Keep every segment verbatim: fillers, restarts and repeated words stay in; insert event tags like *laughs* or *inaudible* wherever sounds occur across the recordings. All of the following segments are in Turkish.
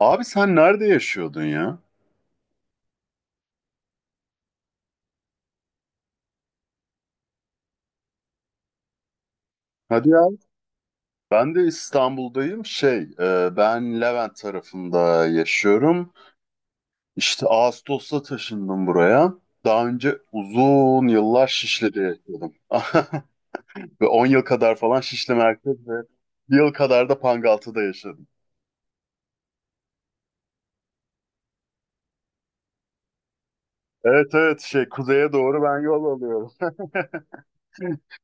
Abi sen nerede yaşıyordun ya? Hadi ya. Ben de İstanbul'dayım. Şey, e, ben Levent tarafında yaşıyorum. İşte Ağustos'ta taşındım buraya. Daha önce uzun yıllar Şişli'de yaşadım. *laughs* Ve on yıl kadar falan Şişli merkez ve bir yıl kadar da Pangaltı'da yaşadım. Evet, evet, şey kuzeye doğru ben yol alıyorum.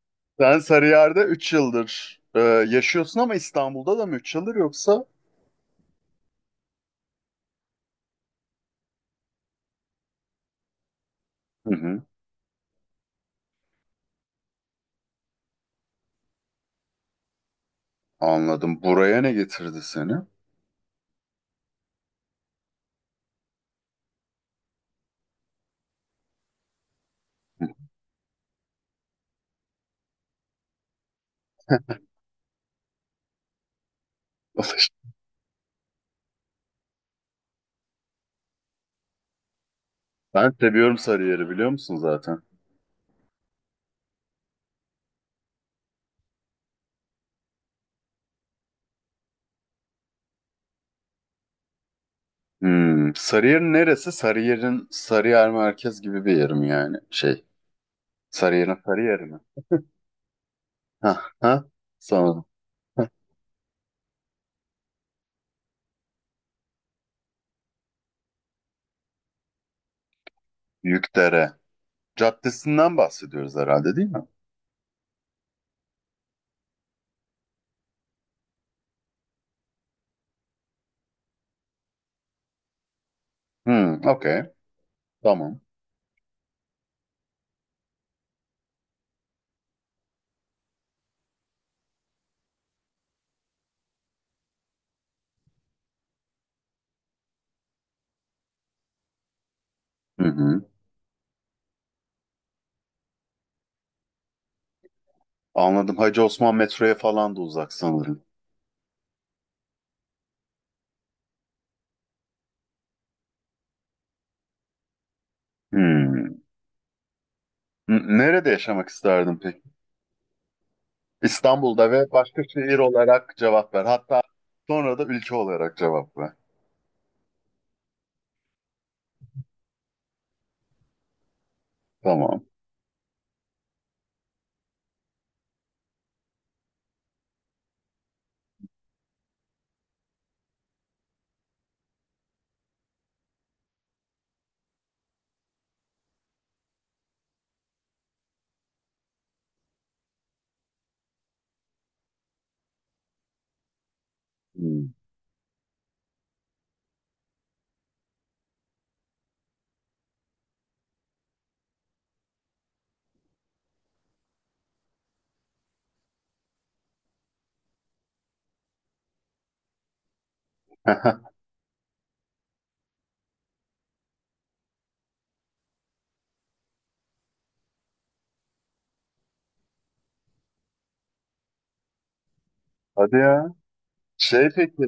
*laughs* Sen Sarıyer'de üç yıldır e, yaşıyorsun ama İstanbul'da da mı üç yıldır yoksa? Hı hı, anladım. Buraya ne getirdi seni? *laughs* Ben seviyorum Sarıyer'i, biliyor musun zaten? Hmm. Sarıyer'in neresi? Sarıyer'in Sarıyer merkez gibi bir yerim yani. Şey, Sarıyer'in Sarıyer'i mi? Ha ha. Sanırım. Hah, *laughs* Yükdere Caddesinden bahsediyoruz herhalde, değil mi? Hmm, okey. Tamam. Hı hı. Anladım. Hacı Osman metroya falan da uzak sanırım. Hmm. N- Nerede yaşamak isterdin peki? İstanbul'da ve başka şehir olarak cevap ver. Hatta sonra da ülke olarak cevap ver. Tamam. Hmm. *laughs* Hadi ya. Şey peki,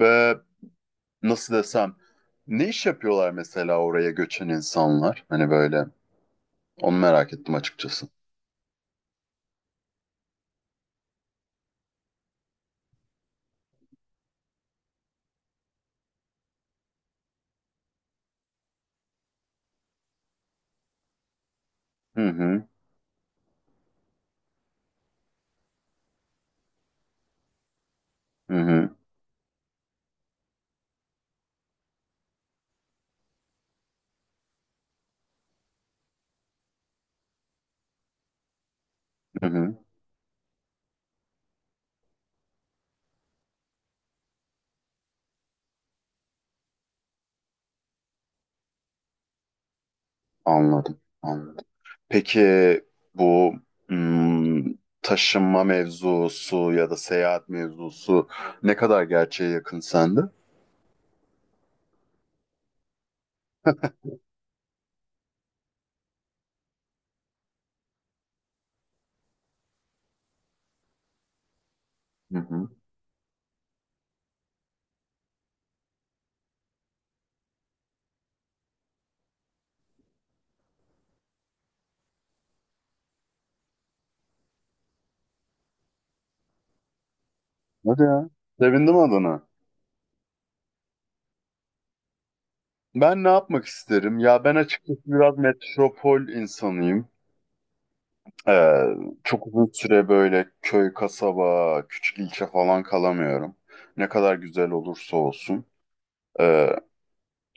e, nasıl desem, ne iş yapıyorlar mesela oraya göçen insanlar? Hani böyle, onu merak ettim açıkçası. Hı hı, hı hı, hı hı. Anladım, anladım. Peki bu hmm, taşınma mevzusu ya da seyahat mevzusu ne kadar gerçeğe yakın sende? Hı hı. Hadi ya. Sevindim adına. Ben ne yapmak isterim? Ya ben açıkçası biraz metropol insanıyım. Ee, çok uzun süre böyle köy, kasaba, küçük ilçe falan kalamıyorum. Ne kadar güzel olursa olsun. Ee,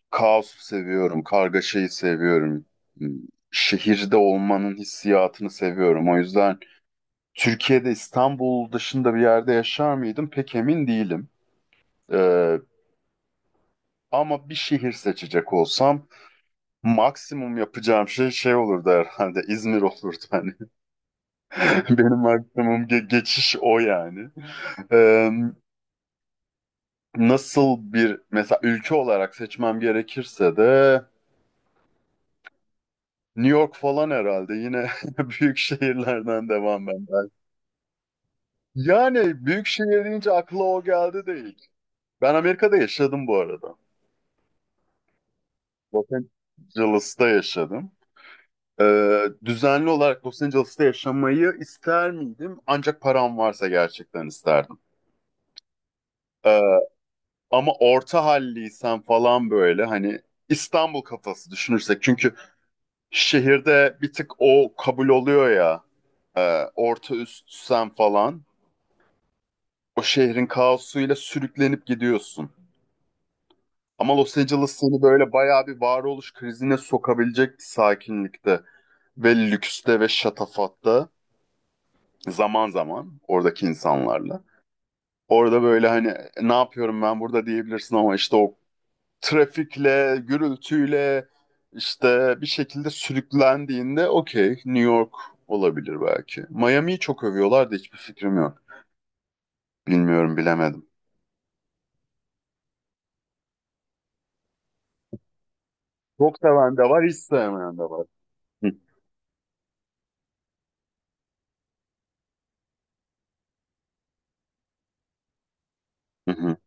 kaosu seviyorum, kargaşayı seviyorum. Hmm, Şehirde olmanın hissiyatını seviyorum. O yüzden Türkiye'de İstanbul dışında bir yerde yaşar mıydım pek emin değilim. Ee, ama bir şehir seçecek olsam maksimum yapacağım şey şey olurdu herhalde *laughs* İzmir olurdu hani. *laughs* Benim maksimum ge- geçiş o yani. Ee, nasıl bir mesela ülke olarak seçmem gerekirse de New York falan herhalde yine *laughs* büyük şehirlerden devam ben de. Yani büyük şehir deyince akla o geldi, değil? Ben Amerika'da yaşadım bu arada. Los Angeles'ta yaşadım. Ee, düzenli olarak Los Angeles'ta yaşamayı ister miydim? Ancak param varsa gerçekten isterdim. Ee, ama orta halliysen falan, böyle hani İstanbul kafası düşünürsek, çünkü şehirde bir tık o kabul oluyor ya. e, orta üst sen falan. O şehrin kaosuyla sürüklenip gidiyorsun. Ama Los Angeles seni böyle bayağı bir varoluş krizine sokabilecek sakinlikte ve lükste ve şatafatta, zaman zaman oradaki insanlarla. Orada böyle hani ne yapıyorum ben burada diyebilirsin, ama işte o trafikle, gürültüyle işte bir şekilde sürüklendiğinde okey, New York olabilir belki. Miami'yi çok övüyorlar da hiçbir fikrim yok. Bilmiyorum, bilemedim. Çok seven de var, hiç sevmeyen de var. Hı, hı, hı.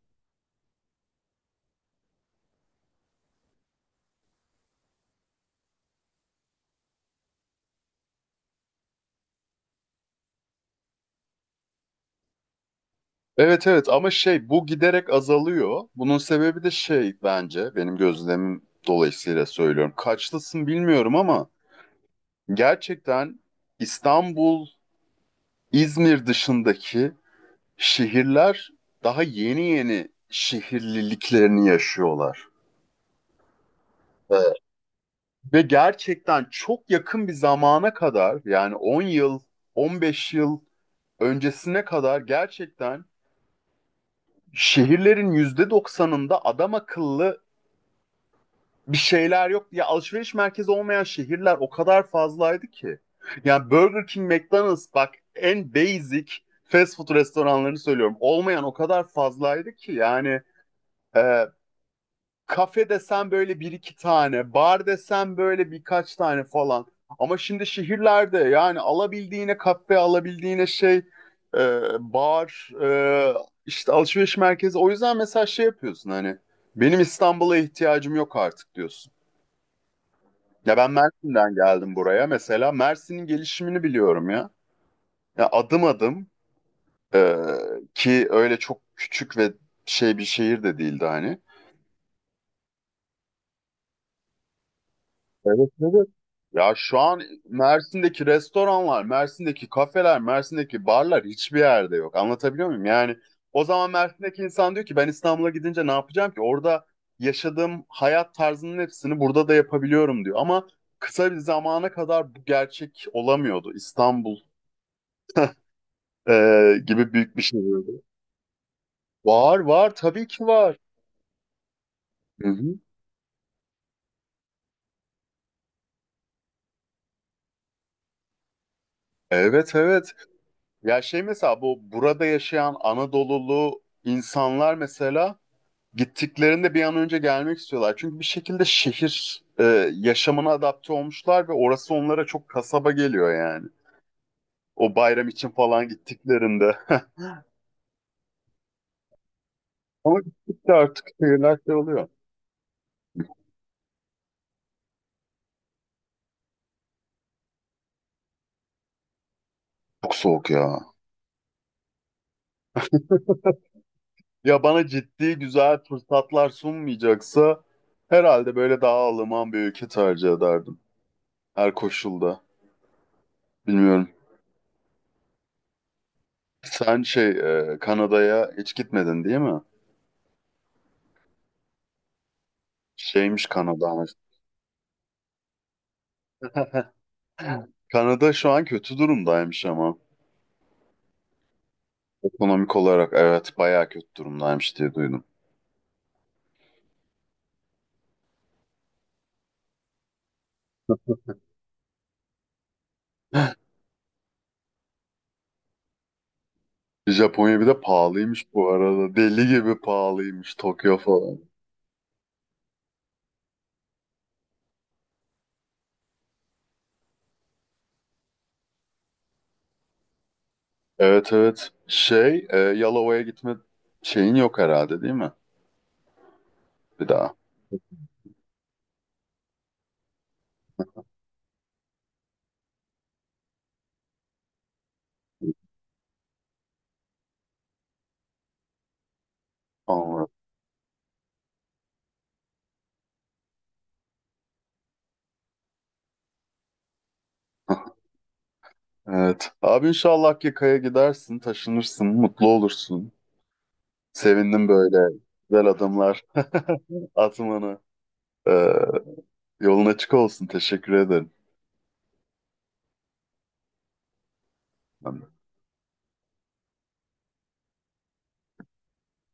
Evet, evet, ama şey bu giderek azalıyor. Bunun sebebi de şey, bence, benim gözlemim dolayısıyla söylüyorum. Kaçlısın bilmiyorum ama gerçekten İstanbul, İzmir dışındaki şehirler daha yeni yeni şehirliliklerini yaşıyorlar. Evet. Ve gerçekten çok yakın bir zamana kadar, yani on yıl, on beş yıl öncesine kadar, gerçekten şehirlerin yüzde doksanında adam akıllı bir şeyler yok. Ya alışveriş merkezi olmayan şehirler o kadar fazlaydı ki. Yani Burger King, McDonald's, bak en basic fast food restoranlarını söylüyorum. Olmayan o kadar fazlaydı ki, yani e, Kafe desen böyle bir iki tane, bar desen böyle birkaç tane falan. Ama şimdi şehirlerde yani alabildiğine kafe, alabildiğine şey, e, bar, e, işte alışveriş merkezi. O yüzden mesela şey yapıyorsun hani, benim İstanbul'a ihtiyacım yok artık diyorsun. Ya ben Mersin'den geldim buraya mesela. Mersin'in gelişimini biliyorum ya. Ya adım adım e, ki öyle çok küçük ve şey bir şehir de değildi hani. Evet, evet. Ya şu an Mersin'deki restoranlar, Mersin'deki kafeler, Mersin'deki barlar hiçbir yerde yok. Anlatabiliyor muyum? Yani o zaman Mersin'deki insan diyor ki ben İstanbul'a gidince ne yapacağım ki? Orada yaşadığım hayat tarzının hepsini burada da yapabiliyorum diyor. Ama kısa bir zamana kadar bu gerçek olamıyordu. İstanbul e, gibi büyük bir şehirdi. Var, var, tabii ki var. Hı hı. Evet, evet. Ya şey, mesela bu burada yaşayan Anadolulu insanlar mesela gittiklerinde bir an önce gelmek istiyorlar. Çünkü bir şekilde şehir e, yaşamına adapte olmuşlar ve orası onlara çok kasaba geliyor yani. O bayram için falan gittiklerinde. *laughs* Ama gittikçe artık şehirler şey oluyor. Çok soğuk ya. Ya bana ciddi güzel fırsatlar sunmayacaksa herhalde böyle daha Alman bir ülke tercih ederdim. Her koşulda. Bilmiyorum. Sen şey, e, Kanada'ya hiç gitmedin, değil mi? Şeymiş Kanada, Kanada'mış. *laughs* Kanada şu an kötü durumdaymış ama. Ekonomik olarak evet, bayağı kötü durumdaymış diye duydum. *gasps* Japonya bir de pahalıymış bu arada. Deli gibi pahalıymış Tokyo falan. Evet, evet. Şey, e, Yalova'ya gitme şeyin yok herhalde, değil mi? Bir daha. Anladım. *laughs* Evet. Abi inşallah Akkaya'ya gidersin, taşınırsın, mutlu olursun. Sevindim böyle güzel adımlar *laughs* atmanı. E, yolun açık olsun. Teşekkür ederim.